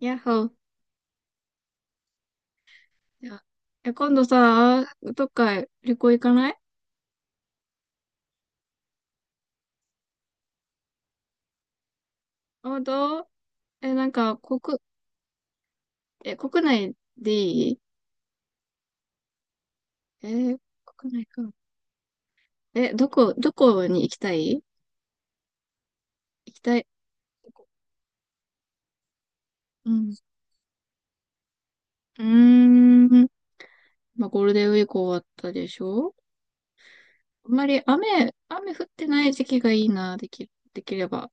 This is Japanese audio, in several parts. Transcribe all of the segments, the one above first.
やっほー。じゃあ今度さ、どっか旅行行かない？どう？なんか、国内でいい？えー国内か。え、どこ、どこに行きたい？行きたい。どこ？うん。うーん。まあ、ゴールデンウィーク終わったでしょ？あんまり雨降ってない時期がいいな、できれば。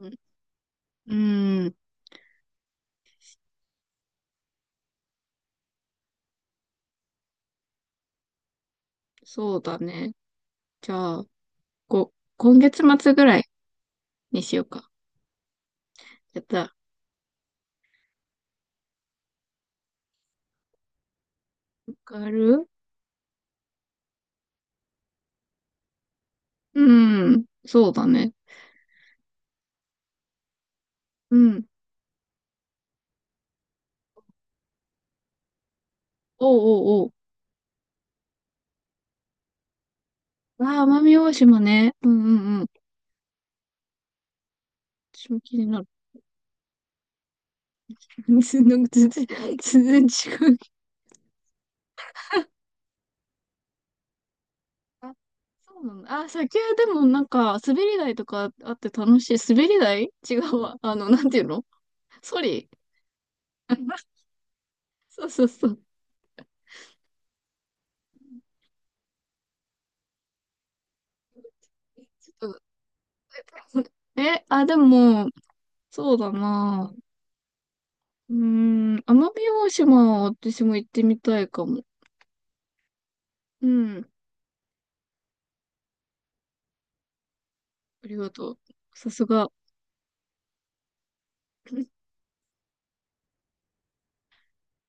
うん。うん。そうだね。じゃあ、こ、今月末ぐらいにしようか。やった。わかる。うん。そうだね。うん。おうおうおう。ああ、奄美大島ね。うんうんうん。私も気になる。なんか全然違う。あ、そうなんだ。あ、先はでもなんか、滑り台とかあって楽しい。滑り台違うわ。あの、なんていうの？ソリ。 そうそうそう。ちょっと、あ、でも、そうだな。うーん、奄美大島は私も行ってみたいかも。うん。ありがとう。さすが。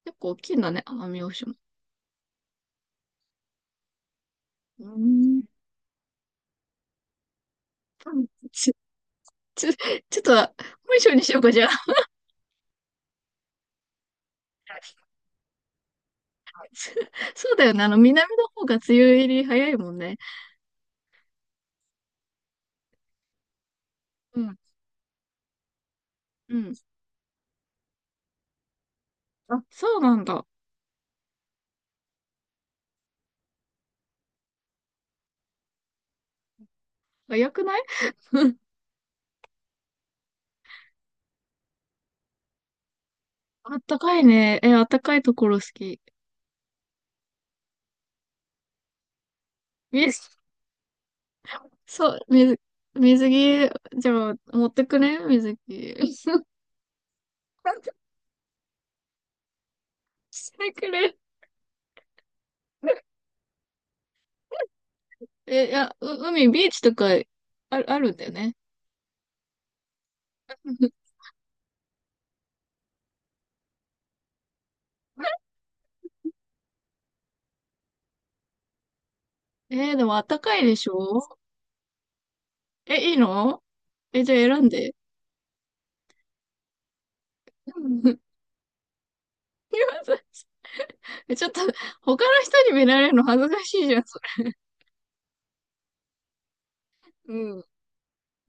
結構大きいんだね、奄美大島。うーん。ち、ち、ちょっと、本性にしようか、じゃあ。そそうだよね。あの、南の方が梅雨入り早いもんね。うん。うん。あ、そうなんだ。早くない？ あったかいね。あったかいところ好き。水、そう、水着、じゃあ、持ってくね水着。してくれ。いや、海、ビーチとか、あるんだよね。でもあったかいでしょ？いいの？じゃあ選んで。うん、いやそれ。 ちょっと、他の人に見られるの恥ずかしいじゃん、それ。うん。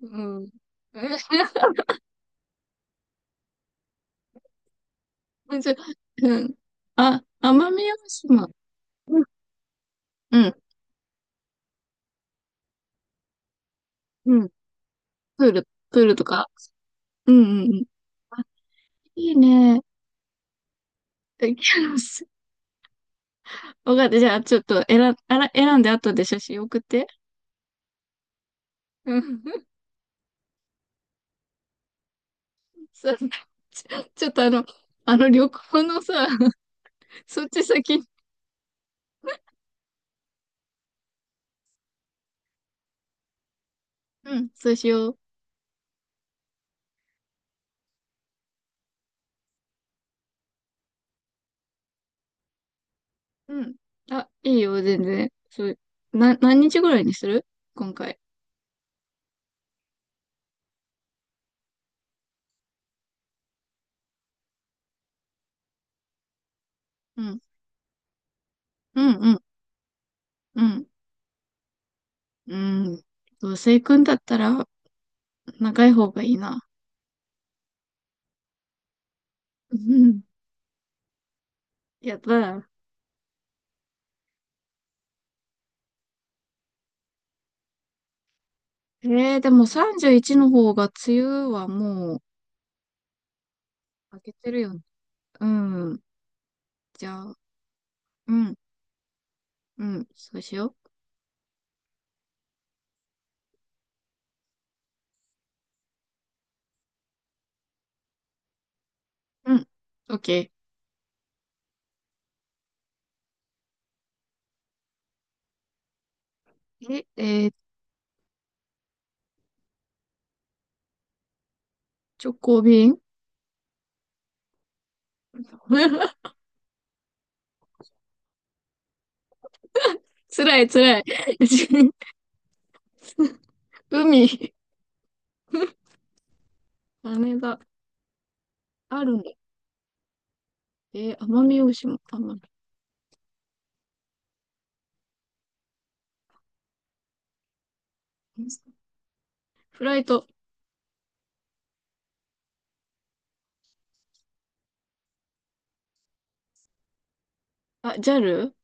うん。え、ちょ、うん。あ、奄美大島。うん。うん。うん。プールとか。うんうんうん。あ、いいね。キャロス。わかった。じゃあ、ちょっとあら、選んで後で写真送って。うん。そう。ちょっとあの旅行のさ、そっち先に。うん、そうしよう。うん。あ、いいよ、全然。そう、何日ぐらいにする？今回。うん。うん、うん、うん。うん。どうせ行くんだったら、長い方がいいな。うん。やった。えでも31の方が、梅雨はもう、明けてるよね。うん。じゃあ、うん、うん、そうしよう。うん。オッケー。直行便。 辛い、辛い。海、羽田、あるんだ。奄美大島、奄美。フライト、あ、JAL？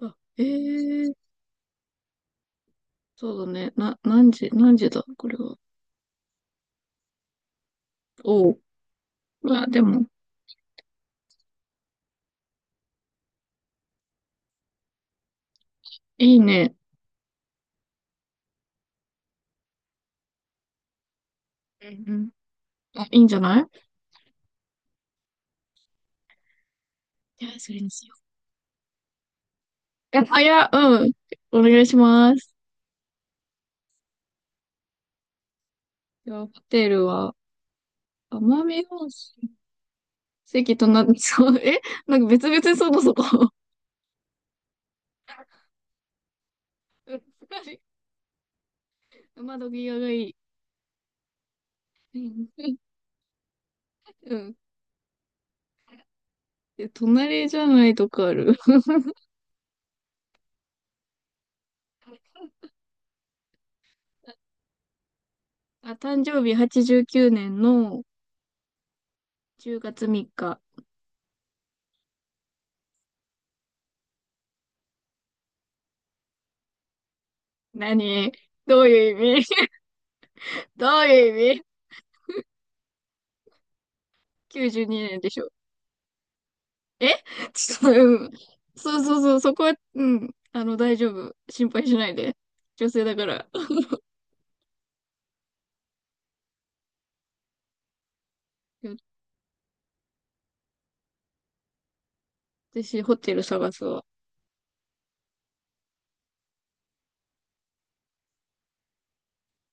あ、ええー、そうだね。な、何時、何時だ、これは。おう。うわ、でも、いいね。うんうん。あ、いいんじゃない？じゃあ、それにしよう。あ、いや、うん。お願いします。じゃあ、ホテルは、奄美大島。席とな、そう、なんか別々にそこそこ。うん、窓際がいい。うんうん。で、隣じゃないとこある？あ、誕生日89年の10月3日。何？どういう意味？ どういう意味？ 92 年でしょ？えちょっと、うん。そうそうそう、そこは、うん。あの、大丈夫。心配しないで。女性だから。よ私、ホテル探すわ。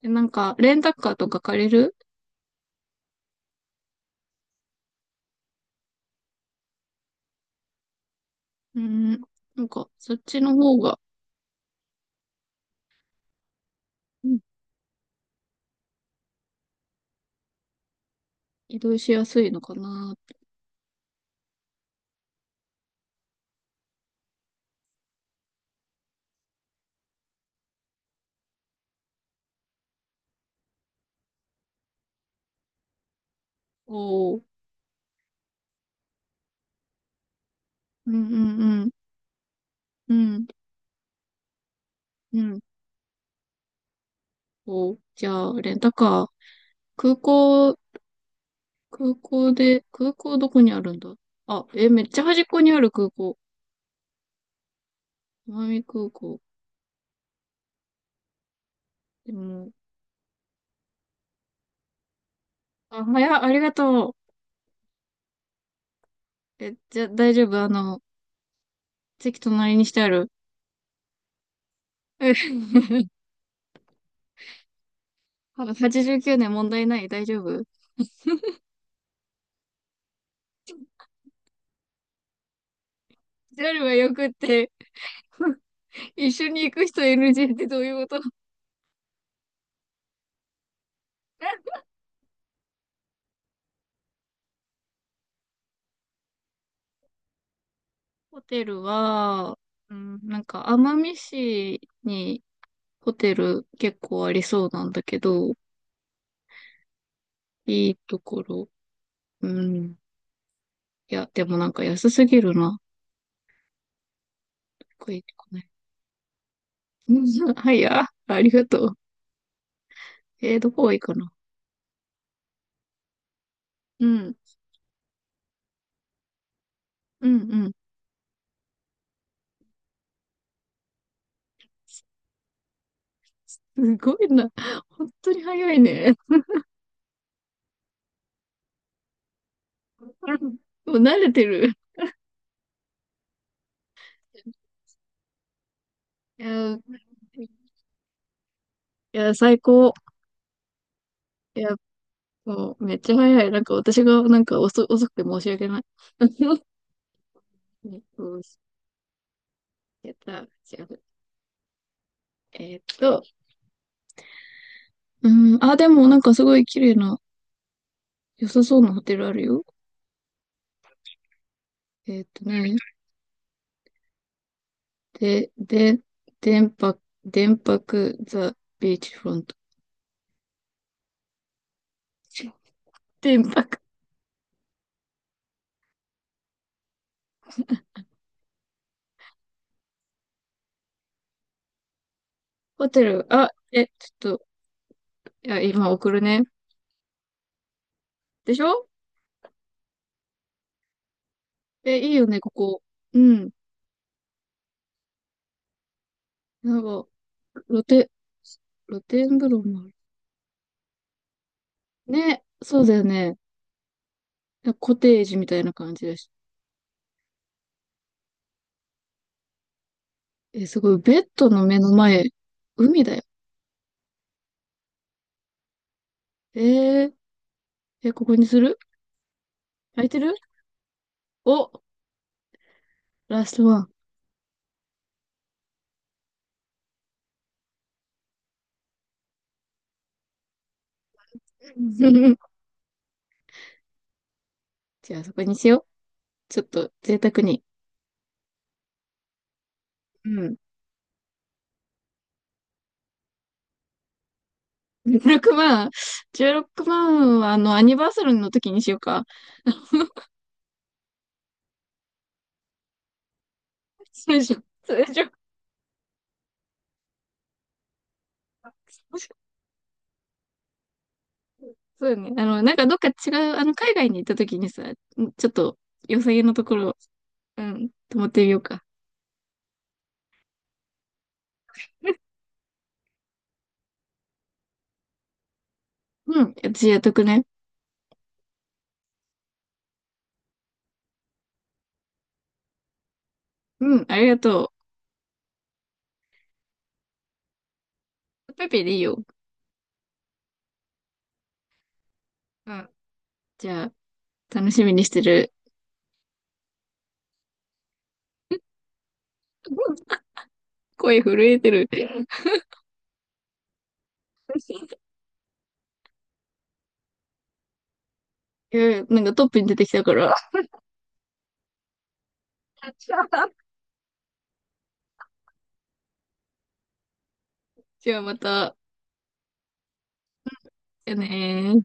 なんか、レンタカーとか借りる？うん。なんか、そっちの方が、うん、移動しやすいのかな。おー。うんうんうん。うん。うん。おー。じゃあ、レンタカー。空港空港で、空港どこにあるんだ？あ、めっちゃ端っこにある空港。奄美空港。でも、あ、早っ、ありがとう。じゃ、大丈夫？あの、席隣にしてある？89年問題ない。大丈夫？ JAL はよくって、一緒に行く人 NG ってどういうこと？ホテルは、うん、なんか、奄美市にホテル結構ありそうなんだけど、いいところ。うん。いや、でもなんか安すぎるな。低いとこね。 うん、はい、あ、ありがとう。どこがいいかな。うん、うん、うん。すごいな。本当に早いね。うん、もう慣れてる。いや、いや、最高。いや、もう、めっちゃ早い。なんか、私が、なんか遅くて申し訳ない。よし、やった。じゃあ、えーっと、うん、あ、でも、なんか、すごい綺麗な、良さそうなホテルあるよ。えーっとね、で、電波、電波ザ・ビーチフロント。天白ホテル。あ、ちょっと、いや、今送るね。でしょ？いいよね、ここ。うん。なんか、露天、露天風呂もある。ね、そうだよね。コテージみたいな感じだし。すごい。ベッドの目の前、海だよ。えー、ここにする？空いてる？お、ラストワン。じゃあ、そこにしよう。ちょっと、贅沢に。うん。16万。16万は、あの、アニバーサルの時にしようか。通常、通常。そうよね。あの、なんかどっか違う、あの、海外に行った時にさ、ちょっと良さげのところ、うん、泊まってみようか。うん、私やっとくね。うん、ありがとう。ペペでいいよ。うん、じゃあ、楽しみにしてる。うん、声震えてる。うん、なんかトップに出てきたから。じゃあまた、やねー。